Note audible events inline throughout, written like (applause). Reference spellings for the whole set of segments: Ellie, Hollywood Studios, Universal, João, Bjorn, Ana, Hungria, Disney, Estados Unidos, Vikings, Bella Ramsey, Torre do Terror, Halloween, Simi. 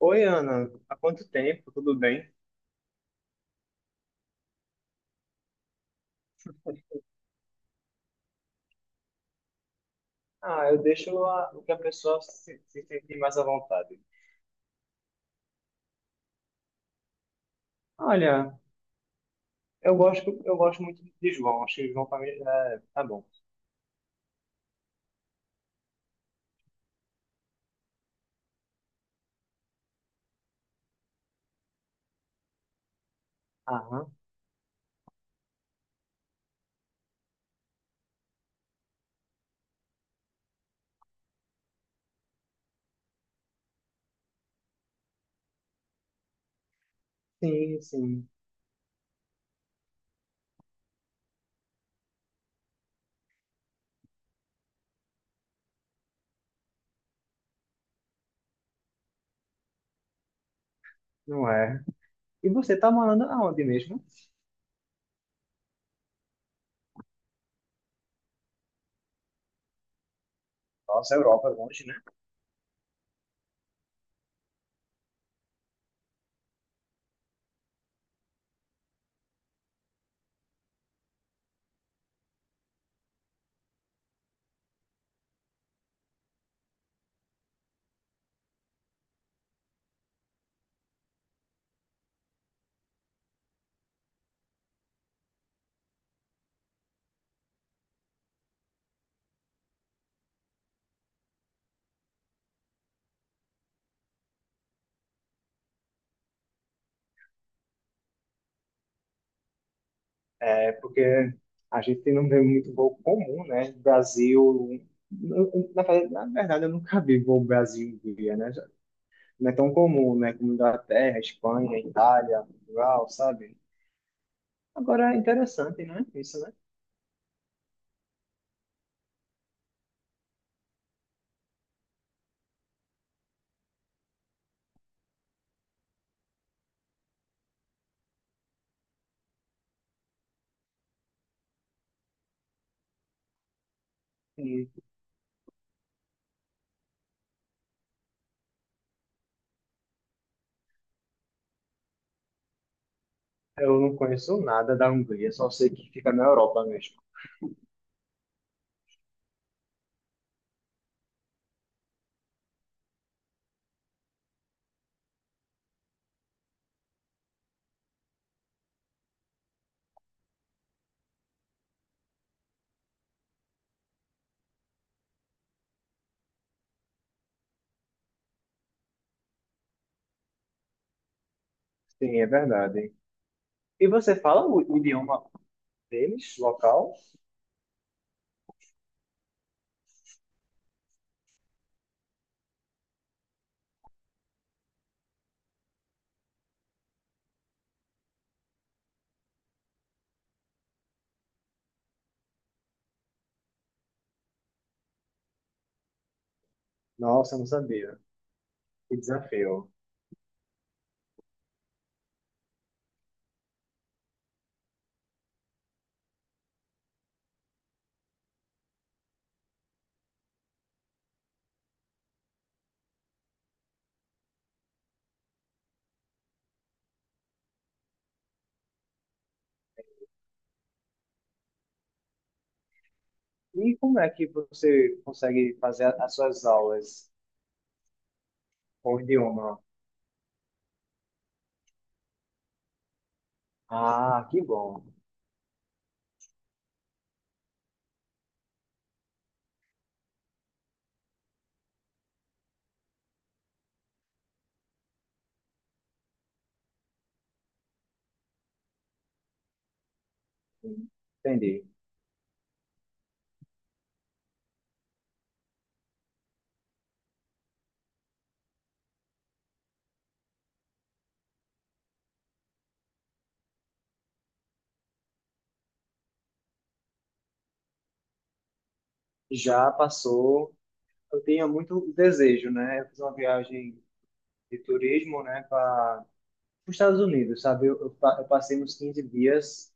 Oi, Ana, há quanto tempo? Tudo bem? Ah, eu deixo o que a pessoa se sentir mais à vontade. Olha, eu gosto muito de João, acho que João pra mim tá bom. Aham, sim, sim, não é. E você tá morando aonde mesmo? Nossa, Europa, é longe, né? É porque a gente não vê muito voo comum, né? Brasil. Na, na verdade, eu nunca vi voo brasil via, né? Não é tão comum, né? Como Inglaterra, Espanha, Itália, Portugal, sabe? Agora é interessante, né? Isso, né? E eu não conheço nada da Hungria, só sei que fica na Europa mesmo. Sim, é verdade. E você fala o idioma deles, local? Nossa, eu não sabia. Que desafio. E como é que você consegue fazer as suas aulas com o idioma? Ah, que bom. Entendi. Já passou. Eu tinha muito desejo, né? Eu fiz uma viagem de turismo, né, para os Estados Unidos, sabe? Eu passei uns 15 dias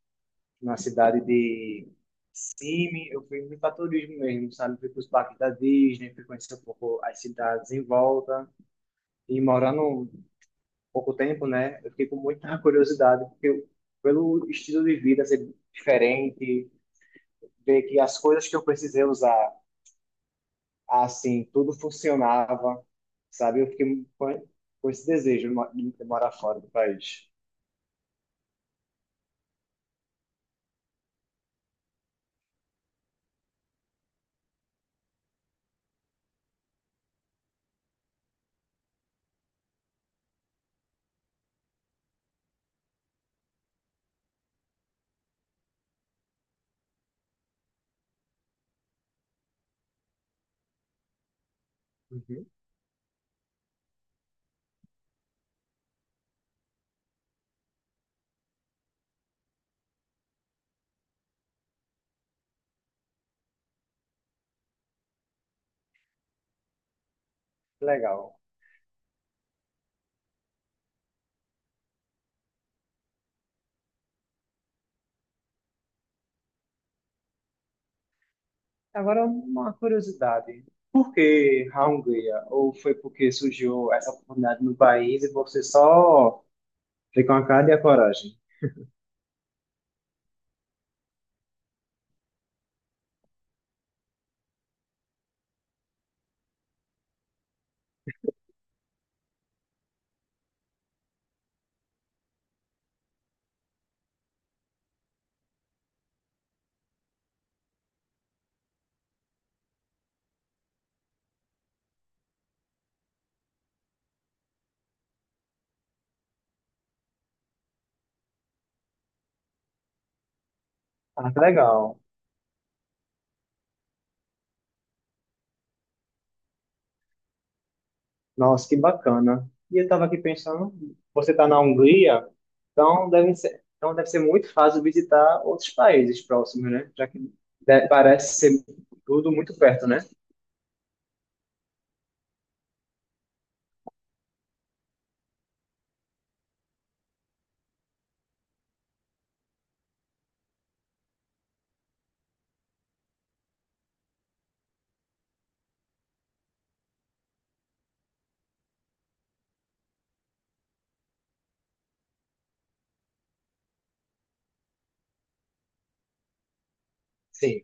na cidade de Simi, eu fui muito para turismo mesmo, sabe? Fui para os parques da Disney, fui conhecer um pouco as cidades em volta. E morando um pouco tempo, né? Eu fiquei com muita (laughs) curiosidade, pelo estilo de vida ser diferente, ver que as coisas que eu precisei usar, assim, tudo funcionava, sabe? Eu fiquei com esse desejo de morar fora do país. Uhum. Legal. Agora, uma curiosidade. Por que a Hungria? Ou foi porque surgiu essa oportunidade no país e você só foi com a cara e a coragem? Ah, que legal. Nossa, que bacana. E eu estava aqui pensando, você está na Hungria, então deve ser muito fácil visitar outros países próximos, né? Já que parece ser tudo muito perto, né? Sim.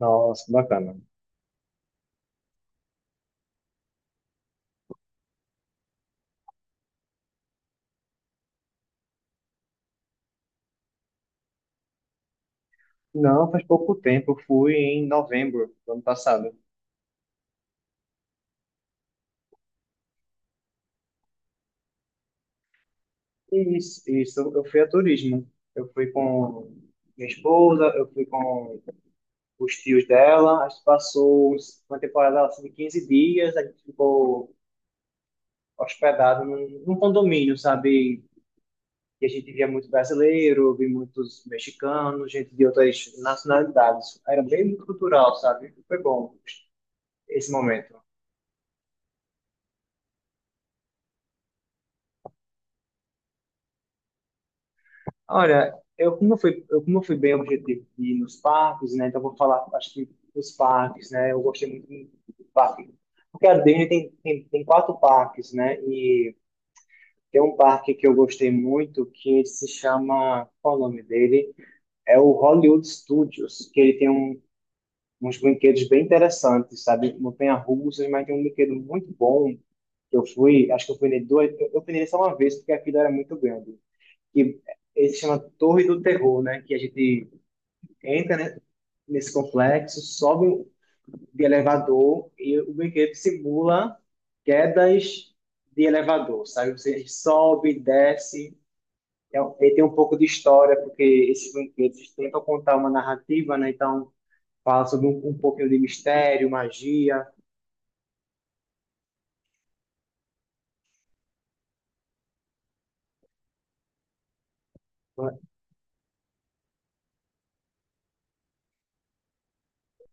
Nossa, que bacana. Não, faz pouco tempo. Eu fui em novembro do ano passado. Isso, isso. Eu fui a turismo. Eu fui com minha esposa, eu fui com os tios dela. A gente passou uma temporada assim, de 15 dias. A gente ficou hospedado num condomínio, sabe? E a gente via muito brasileiro, via muitos mexicanos, gente de outras nacionalidades. Era bem cultural, sabe? Foi bom esse momento. Olha, eu como eu fui bem objetivo de ir nos parques, né? Então eu vou falar, acho que dos parques, né? Eu gostei muito do parque, porque a Disney tem 4 parques, né? E tem um parque que eu gostei muito que ele se chama, qual é o nome dele? É o Hollywood Studios, que ele tem uns brinquedos bem interessantes, sabe? Montanha-russas, mas tem um brinquedo muito bom que eu fui, acho que eu fui nele duas, eu fui nele só uma vez porque aquilo era muito grande que ele se chama Torre do Terror, né? Que a gente entra, né, nesse complexo, sobe de elevador e o brinquedo simula quedas de elevador, sabe? Você sobe, desce. Ele tem um pouco de história, porque esses brinquedos tentam contar uma narrativa, né? Então, fala sobre um pouquinho de mistério, magia. Eu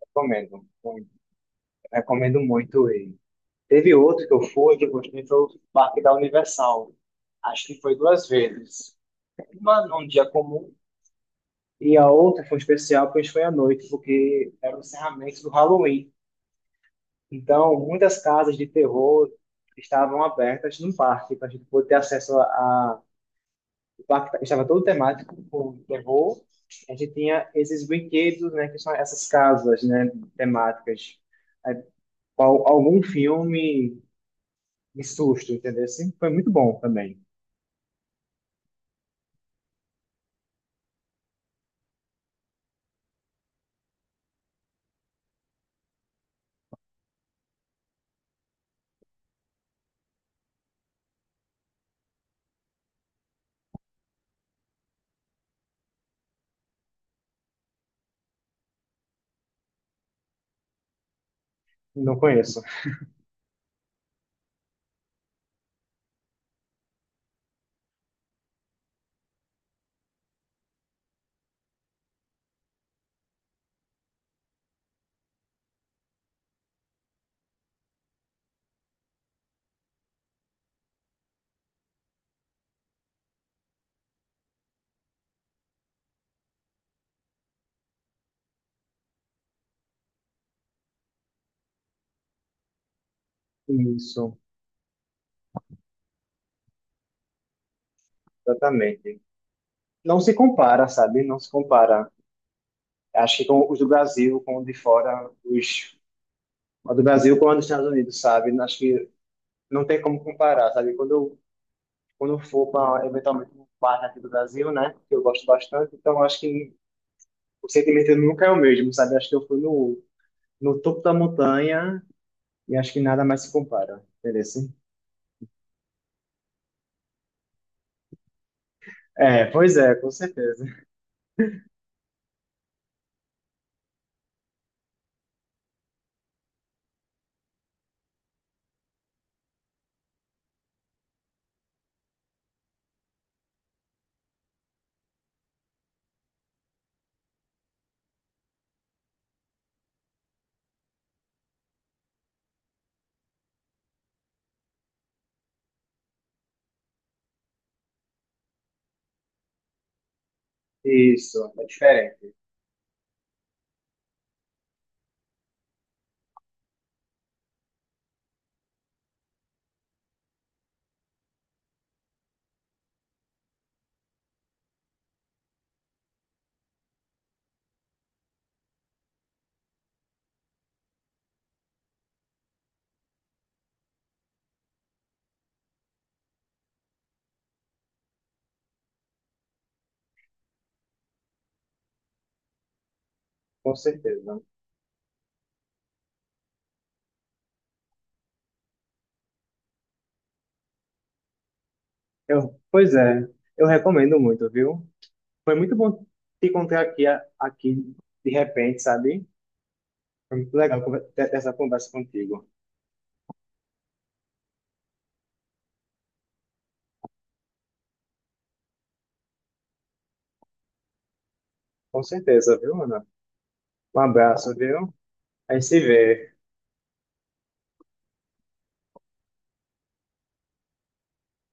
Recomendo muito. Recomendo muito ele. Teve outro que eu fui, que eu gostei, foi o Parque da Universal. Acho que foi duas vezes. Uma num dia comum e a outra foi especial, pois foi à noite, porque era o encerramento do Halloween. Então, muitas casas de terror estavam abertas no parque, para a gente poder ter acesso o parque estava todo temático com terror. A gente tinha esses brinquedos, né, que são essas casas, né, temáticas. Aí, algum filme de susto, entendeu? Assim, foi muito bom também. Não conheço. Isso, exatamente. Não se compara, sabe? Não se compara. Acho que com os do Brasil, com os de fora, os a do Brasil com a dos Estados Unidos, sabe? Acho que não tem como comparar, sabe? Quando eu for para, eventualmente, um bar aqui do Brasil, né? Que eu gosto bastante, então acho que o sentimento nunca é o mesmo, sabe? Acho que eu fui no topo da montanha e acho que nada mais se compara, entendeu? Assim? É, pois é, com certeza. Isso, é diferente, com certeza. Pois é, eu recomendo muito, viu? Foi muito bom te encontrar aqui de repente, sabe? Foi muito legal ter essa conversa contigo. Com certeza, viu, Ana? Um abraço, viu? A gente se vê.